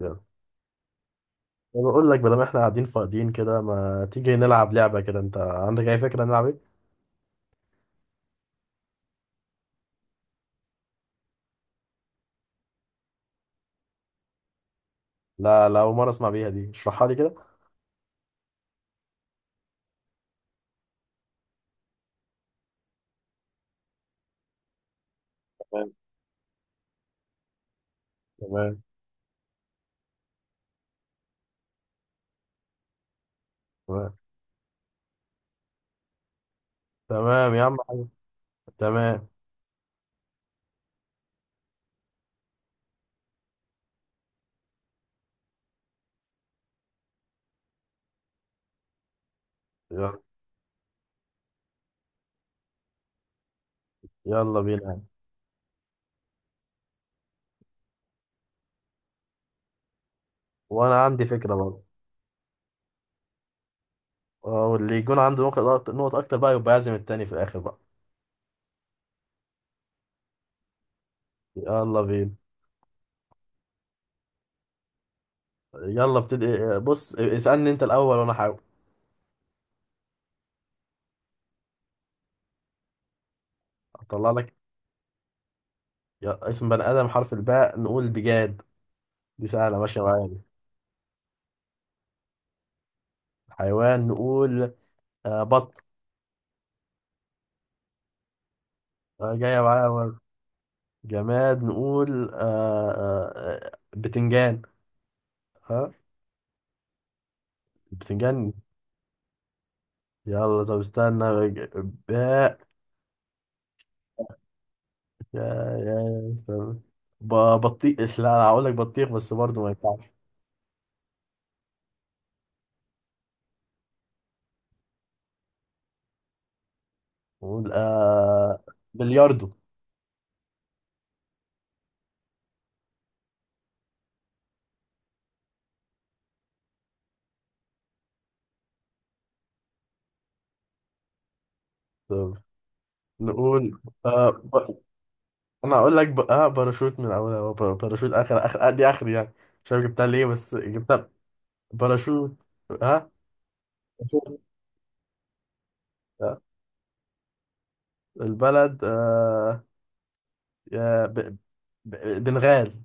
يلا. انا بقول لك، بدل ما احنا قاعدين فاضيين كده، ما تيجي نلعب لعبة كده؟ انت عندك اي فكرة نلعب ايه؟ لا لا، اول مرة اسمع بيها دي، اشرحها لي كده. تمام تمام تمام تمام يا عم حاج. تمام. يلا يلا بينا. وانا عندي فكرة برضه. اه، واللي يكون عنده نقط نقط اكتر بقى، يبقى يعزم التاني في الاخر بقى. يلا بينا. يلا ابتدي. بص اسألني انت الاول وانا احاول اطلع لك. اسم بني ادم حرف الباء، نقول بجاد. دي سهلة ماشية معايا دي. حيوان نقول بط. جاية معايا برضه. جماد نقول آه آه، بتنجان. ها. بتنجان. يلا طب استنى، باء. يا استنى. ب- بطيخ. لا انا هقول لك بطيخ بس برضه ما ينفعش. نقول بلياردو. طب. نقول آه ب... انا هقول لك ب... آه باراشوت من اولها، هو باراشوت. اخر اخر دي اخري يعني. مش عارف جبتها ليه بس جبتها. باراشوت. ها. باراشوت. آه؟ البلد، يا ب... بالغال.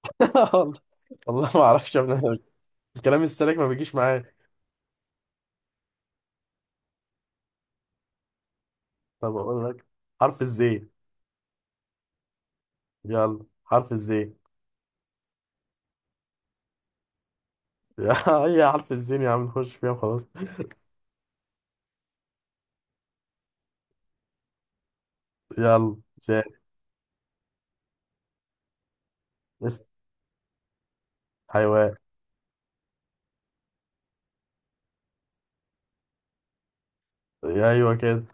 والله. والله ما اعرفش يا ابني أنا، الكلام السالك ما بيجيش معايا. طب اقول لك حرف الزين. يلا حرف الزين. هي حرف الزين يا عم، نخش فيها وخلاص. يلا زين. اسم حيوان. ايوه كده.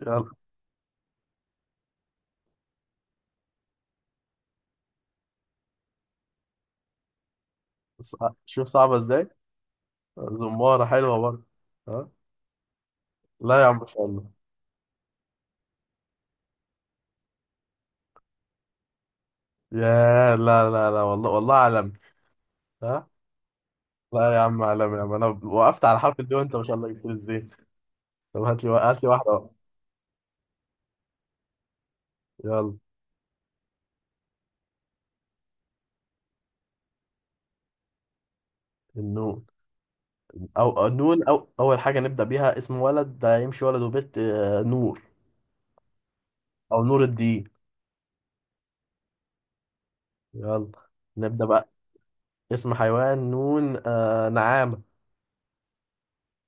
يلا. شوف صعبة ازاي. زمارة حلوة برضه. ها. لا يا عم، ما شاء الله. يا لا لا لا، والله والله عالمي. ها. لا يا عم، عالمي يا عم، انا وقفت على حرف الدي وانت ما شاء الله جبت لي الزين. طب هات لي واحدة بقى. يلا. النوم. او أو نقول أو اول حاجه نبدا بيها اسم ولد ده هيمشي، ولد وبنت، نور. او نور الدين. يلا نبدا بقى. اسم حيوان، نون، نعامه.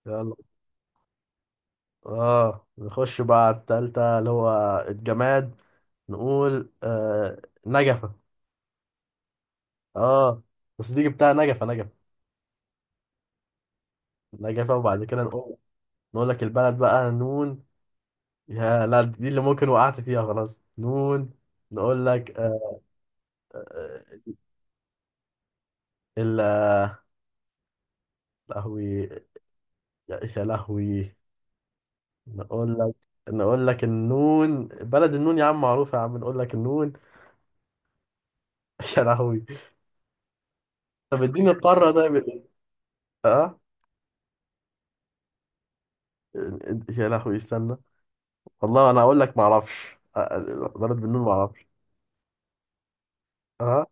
يلا. اه نخش بقى على التالتة، اللي هو الجماد. نقول نجفه. اه بس دي جبتها، نجفه نجفه. نجفه. وبعد كده نقول، نقول لك البلد بقى نون. يا لا، دي اللي ممكن وقعت فيها، خلاص نون. نقول لك آه آه، ال آه، لهوي. يا لهوي. نقول لك، نقول لك النون بلد، النون يا عم معروفة يا عم، نقول لك النون. يا لهوي. طب اديني القارة طيب. اه. يا لهوي استنى. والله انا اقول لك ما اعرفش، بلد بالنون ما اعرفش. اه.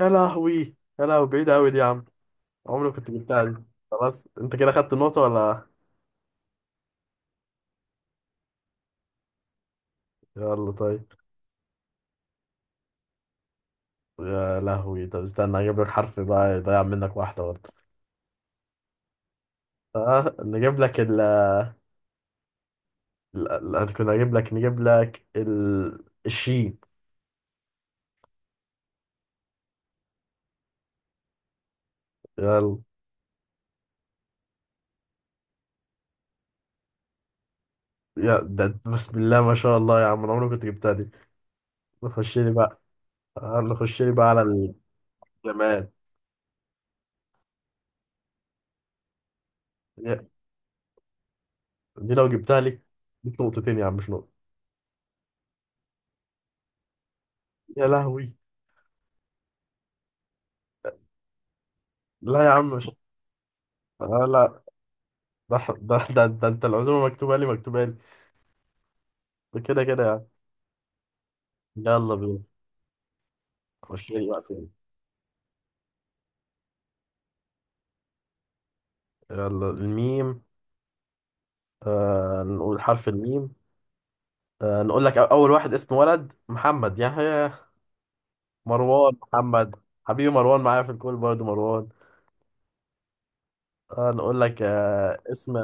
يا لهوي. يا لهوي بعيدة قوي دي يا عم. عمري ما كنت جبتها دي. خلاص انت كده خدت النقطة ولا؟ يلا طيب. يا لهوي، طب استنى اجيب لك حرف بقى يضيع منك واحدة برضه. اه نجيب لك ال. كنا اجيب لك نجيب لك الشين. يلا. يا ده أنت، بسم الله ما شاء الله يا عم، انا عمري ما كنت جبتها دي. نخش لي بقى. نخش لي بقى على الجماد. يا- دي لو جبتها لي، جبت نقطتين يا عم مش نقطة. يا لهوي. لا يا عم مش، لا، ده، ده انت العزومة مكتوبة لي، مكتوبة لي. ده كده كده يعني. يلا بينا. خش لي بقى فين. يلا الميم. نقول حرف الميم. نقول لك اول واحد، اسم ولد محمد يحيى، مروان محمد. حبيبي مروان معايا في الكول برضه، مروان. نقول لك، اسم.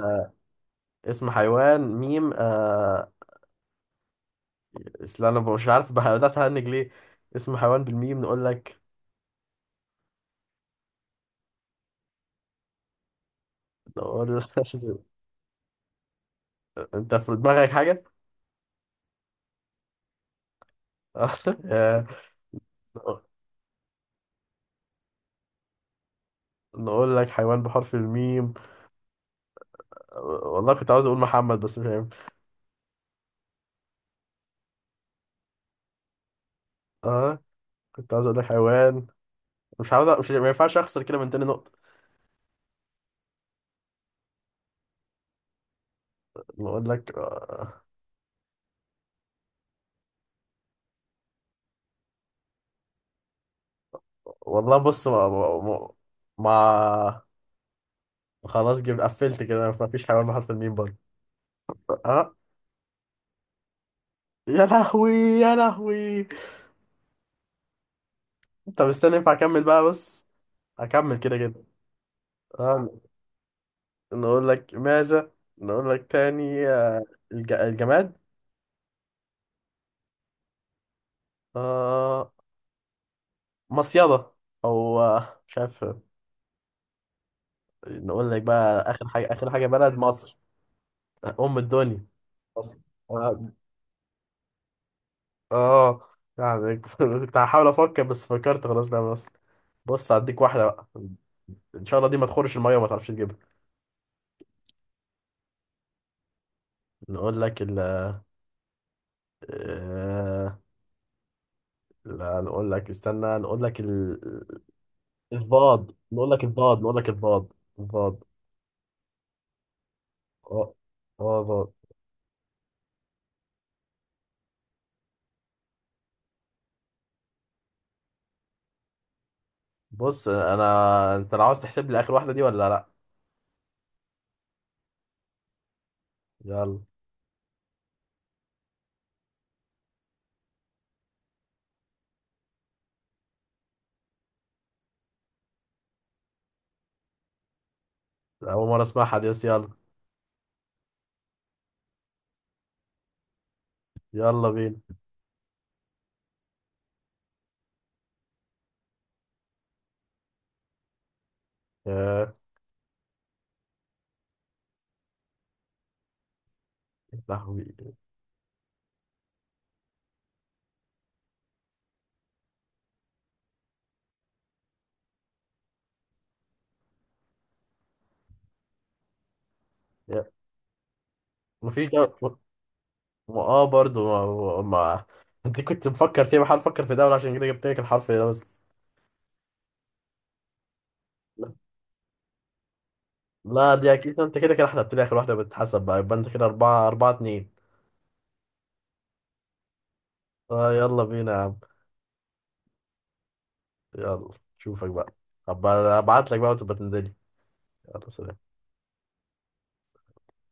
اسم حيوان، ميم، اصل انا مش عارف، بدأت اهنج ليه. اسم حيوان بالميم، نقول لك. نقول لك. انت في دماغك حاجة. آه. نقول لك حيوان بحرف الميم. والله كنت عاوز اقول محمد بس مش هينفع. اه كنت عاوز اقول لك حيوان. مش عاوز، مش، ما ينفعش اخسر كده من تاني نقطة. نقول لك آه. والله بص، ما- خلاص جبت، قفلت كده، ما فيش حيوان بحرف الميم برضه. اه. يا لهوي يا لهوي. طب استنى ينفع اكمل بقى، بص هكمل كده كده. آه نقول لك ماذا. نقول لك تاني، الجماد. آه، مصيدة. او مش عارف. نقول لك بقى اخر حاجة، اخر حاجة، بلد مصر. ام الدنيا. مصر. اه. آه، يعني كنت هحاول افكر بس فكرت خلاص، لا مصر. بص هديك واحدة بقى. ان شاء الله دي ما تخورش المية وما تعرفش تجيبها. نقول لك ال، آه، لا نقول لك، استنى، نقول لك الباض. نقول لك الباض، نقول لك الباض. الباض. اه. اه باض. بص انت لو عاوز تحسب لي اخر واحده دي ولا لا. يلا. اول مره اسمعها دي بس يلا. يلا بينا. يا لهوي. يا- مفيش دولة اه برضو. ما... ما... انت كنت مفكر فيها، بحاول افكر في دولة عشان كده جبت لك الحرف ده بس. لا. لا، دي اكيد انت كده كده حسبت لي اخر واحده، بتتحسب بقى، يبقى انت كده اربعة اربعة اتنين. اه يلا بينا يا عم. يلا. شوفك بقى. هبقى ابعت لك بقى وتبقى تنزلي. يلا سلام.